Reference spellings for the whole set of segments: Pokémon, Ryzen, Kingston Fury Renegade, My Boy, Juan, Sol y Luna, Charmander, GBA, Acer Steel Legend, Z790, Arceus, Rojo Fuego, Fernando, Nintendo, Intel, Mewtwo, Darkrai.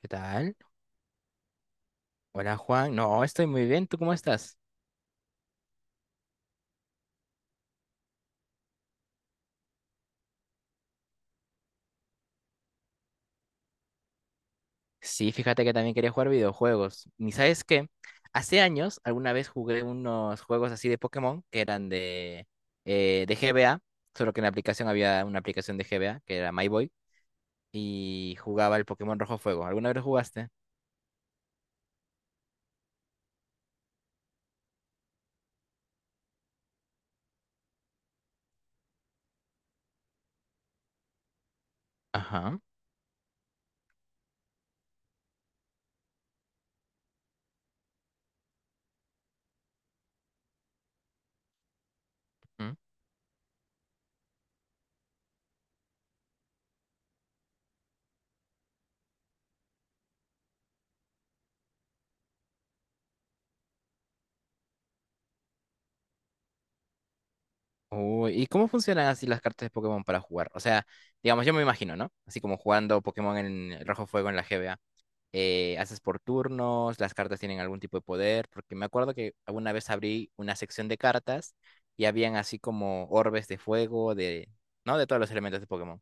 ¿Qué tal? Hola Juan, no, estoy muy bien, ¿tú cómo estás? Sí, fíjate que también quería jugar videojuegos. ¿Y sabes qué? Hace años alguna vez jugué unos juegos así de Pokémon que eran de GBA, solo que en la aplicación había una aplicación de GBA que era My Boy y jugaba el Pokémon Rojo Fuego. ¿Alguna vez lo jugaste? Ajá. ¿Mm? Uy, ¿y cómo funcionan así las cartas de Pokémon para jugar? O sea, digamos, yo me imagino, ¿no? Así como jugando Pokémon en el Rojo Fuego en la GBA. Haces por turnos, las cartas tienen algún tipo de poder, porque me acuerdo que alguna vez abrí una sección de cartas y habían así como orbes de fuego, de, ¿no? de todos los elementos de Pokémon.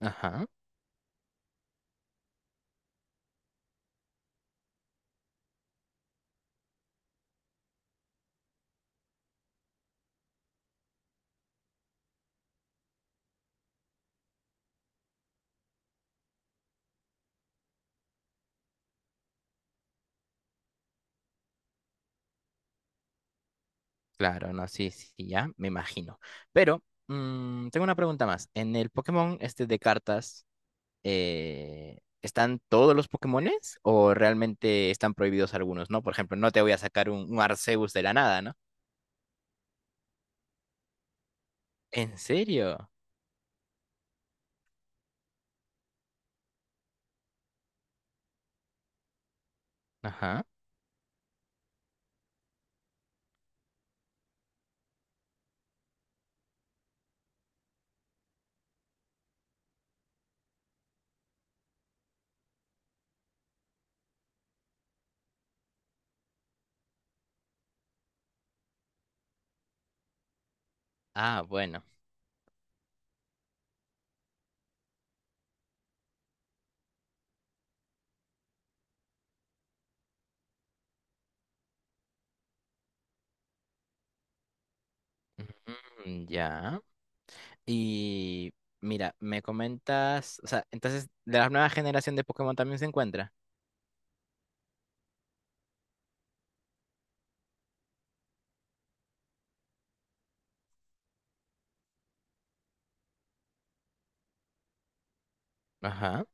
Ajá, claro, no, sí, sí, sí, ya, me imagino. Pero mm, tengo una pregunta más. ¿En el Pokémon este de cartas están todos los Pokémones o realmente están prohibidos algunos, ¿no? Por ejemplo, no te voy a sacar un Arceus de la nada, ¿no? ¿En serio? Ajá. Ah, bueno. Mm, ya. Y mira, me comentas, o sea, entonces, de la nueva generación de Pokémon también se encuentra. Ajá,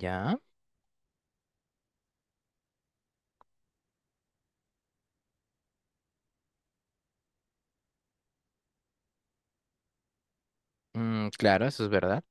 ya. Mm, claro, eso es verdad.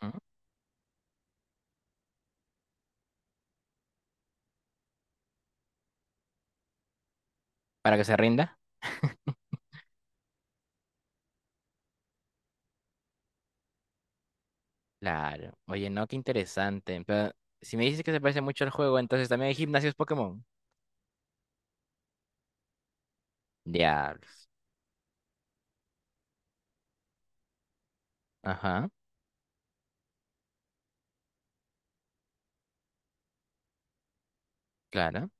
Ujú. Para que se rinda. Claro. Oye, no, qué interesante. Pero si me dices que se parece mucho al juego, entonces también hay gimnasios Pokémon. Diablos. Ajá, claro.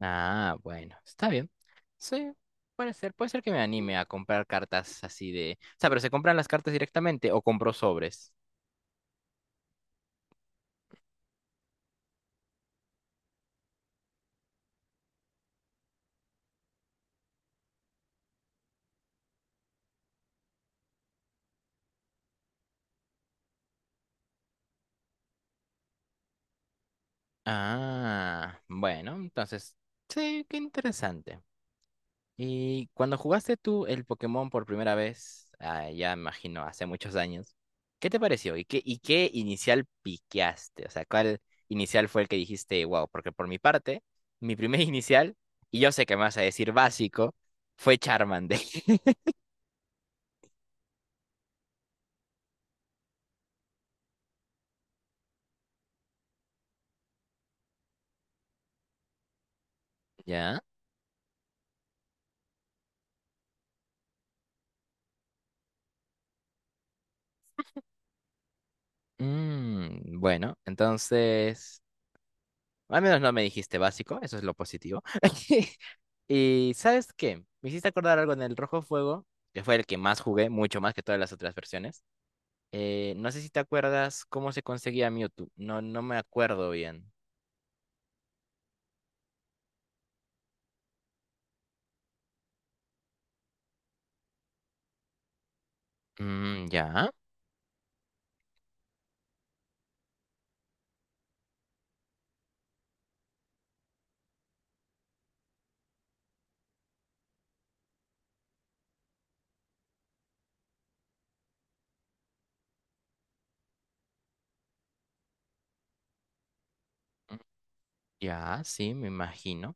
Ah, bueno, está bien. Sí, puede ser. Puede ser que me anime a comprar cartas así de... O sea, pero ¿se compran las cartas directamente o compro sobres? Ah, bueno, entonces, sí, qué interesante. Y cuando jugaste tú el Pokémon por primera vez, ah, ya me imagino, hace muchos años, ¿qué te pareció? Y qué inicial piqueaste? O sea, ¿cuál inicial fue el que dijiste, wow? Porque por mi parte, mi primer inicial, y yo sé que me vas a decir básico, fue Charmander. ¿Ya? Mm, bueno, entonces, al menos no me dijiste básico, eso es lo positivo. Y ¿sabes qué? Me hiciste acordar algo en el Rojo Fuego, que fue el que más jugué, mucho más que todas las otras versiones. No sé si te acuerdas cómo se conseguía Mewtwo. No, no me acuerdo bien. Mm, ya, mm, ya, sí, me imagino.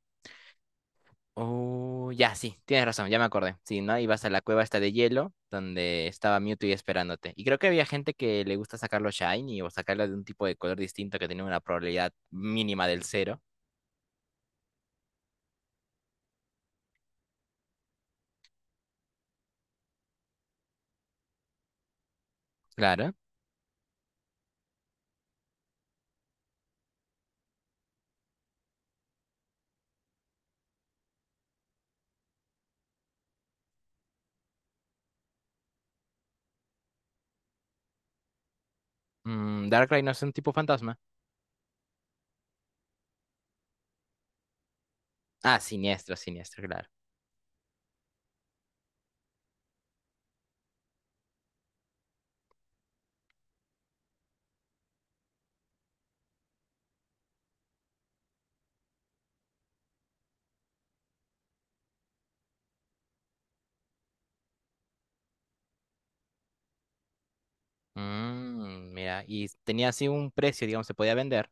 Oh, ya, sí, tienes razón, ya me acordé. Sí, ¿no? Ibas a la cueva esta de hielo, donde estaba Mewtwo y esperándote. Y creo que había gente que le gusta sacarlo shiny o sacarlo de un tipo de color distinto que tenía una probabilidad mínima del cero. Claro. Mm, Darkrai no es un tipo fantasma. Ah, siniestro, siniestro, claro. Mm, mira, y tenía así un precio, digamos, se podía vender.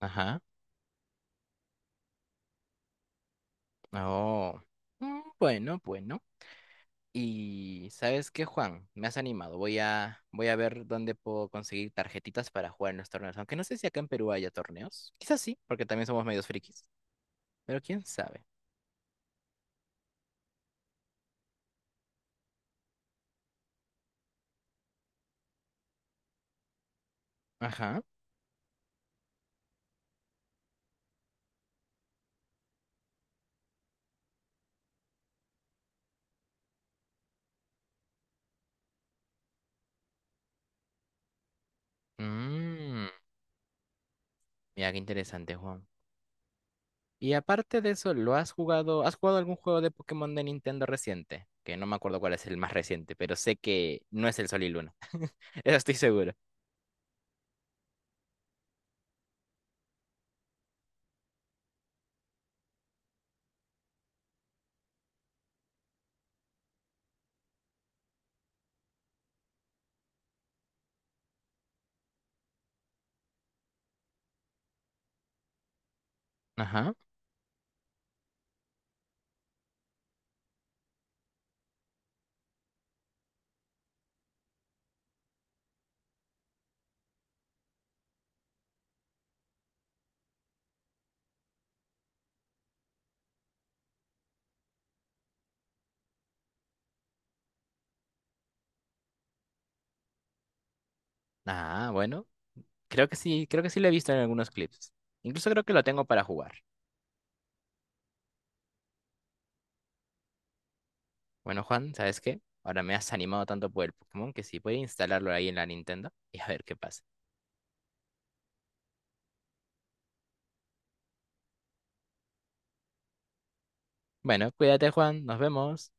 Ajá. Oh. Mm, bueno, bueno. Y ¿sabes qué, Juan? Me has animado. Voy a ver dónde puedo conseguir tarjetitas para jugar en los torneos. Aunque no sé si acá en Perú haya torneos. Quizás sí, porque también somos medios frikis. Pero quién sabe. Ajá. Mm, mira, qué interesante, Juan. Y aparte de eso, ¿lo has jugado? ¿Has jugado algún juego de Pokémon de Nintendo reciente? Que no me acuerdo cuál es el más reciente, pero sé que no es el Sol y Luna. Eso estoy seguro. Ajá. Ah, bueno. Creo que sí lo he visto en algunos clips. Incluso creo que lo tengo para jugar. Bueno, Juan, ¿sabes qué? Ahora me has animado tanto por el Pokémon que sí, voy a instalarlo ahí en la Nintendo y a ver qué pasa. Bueno, cuídate, Juan. Nos vemos.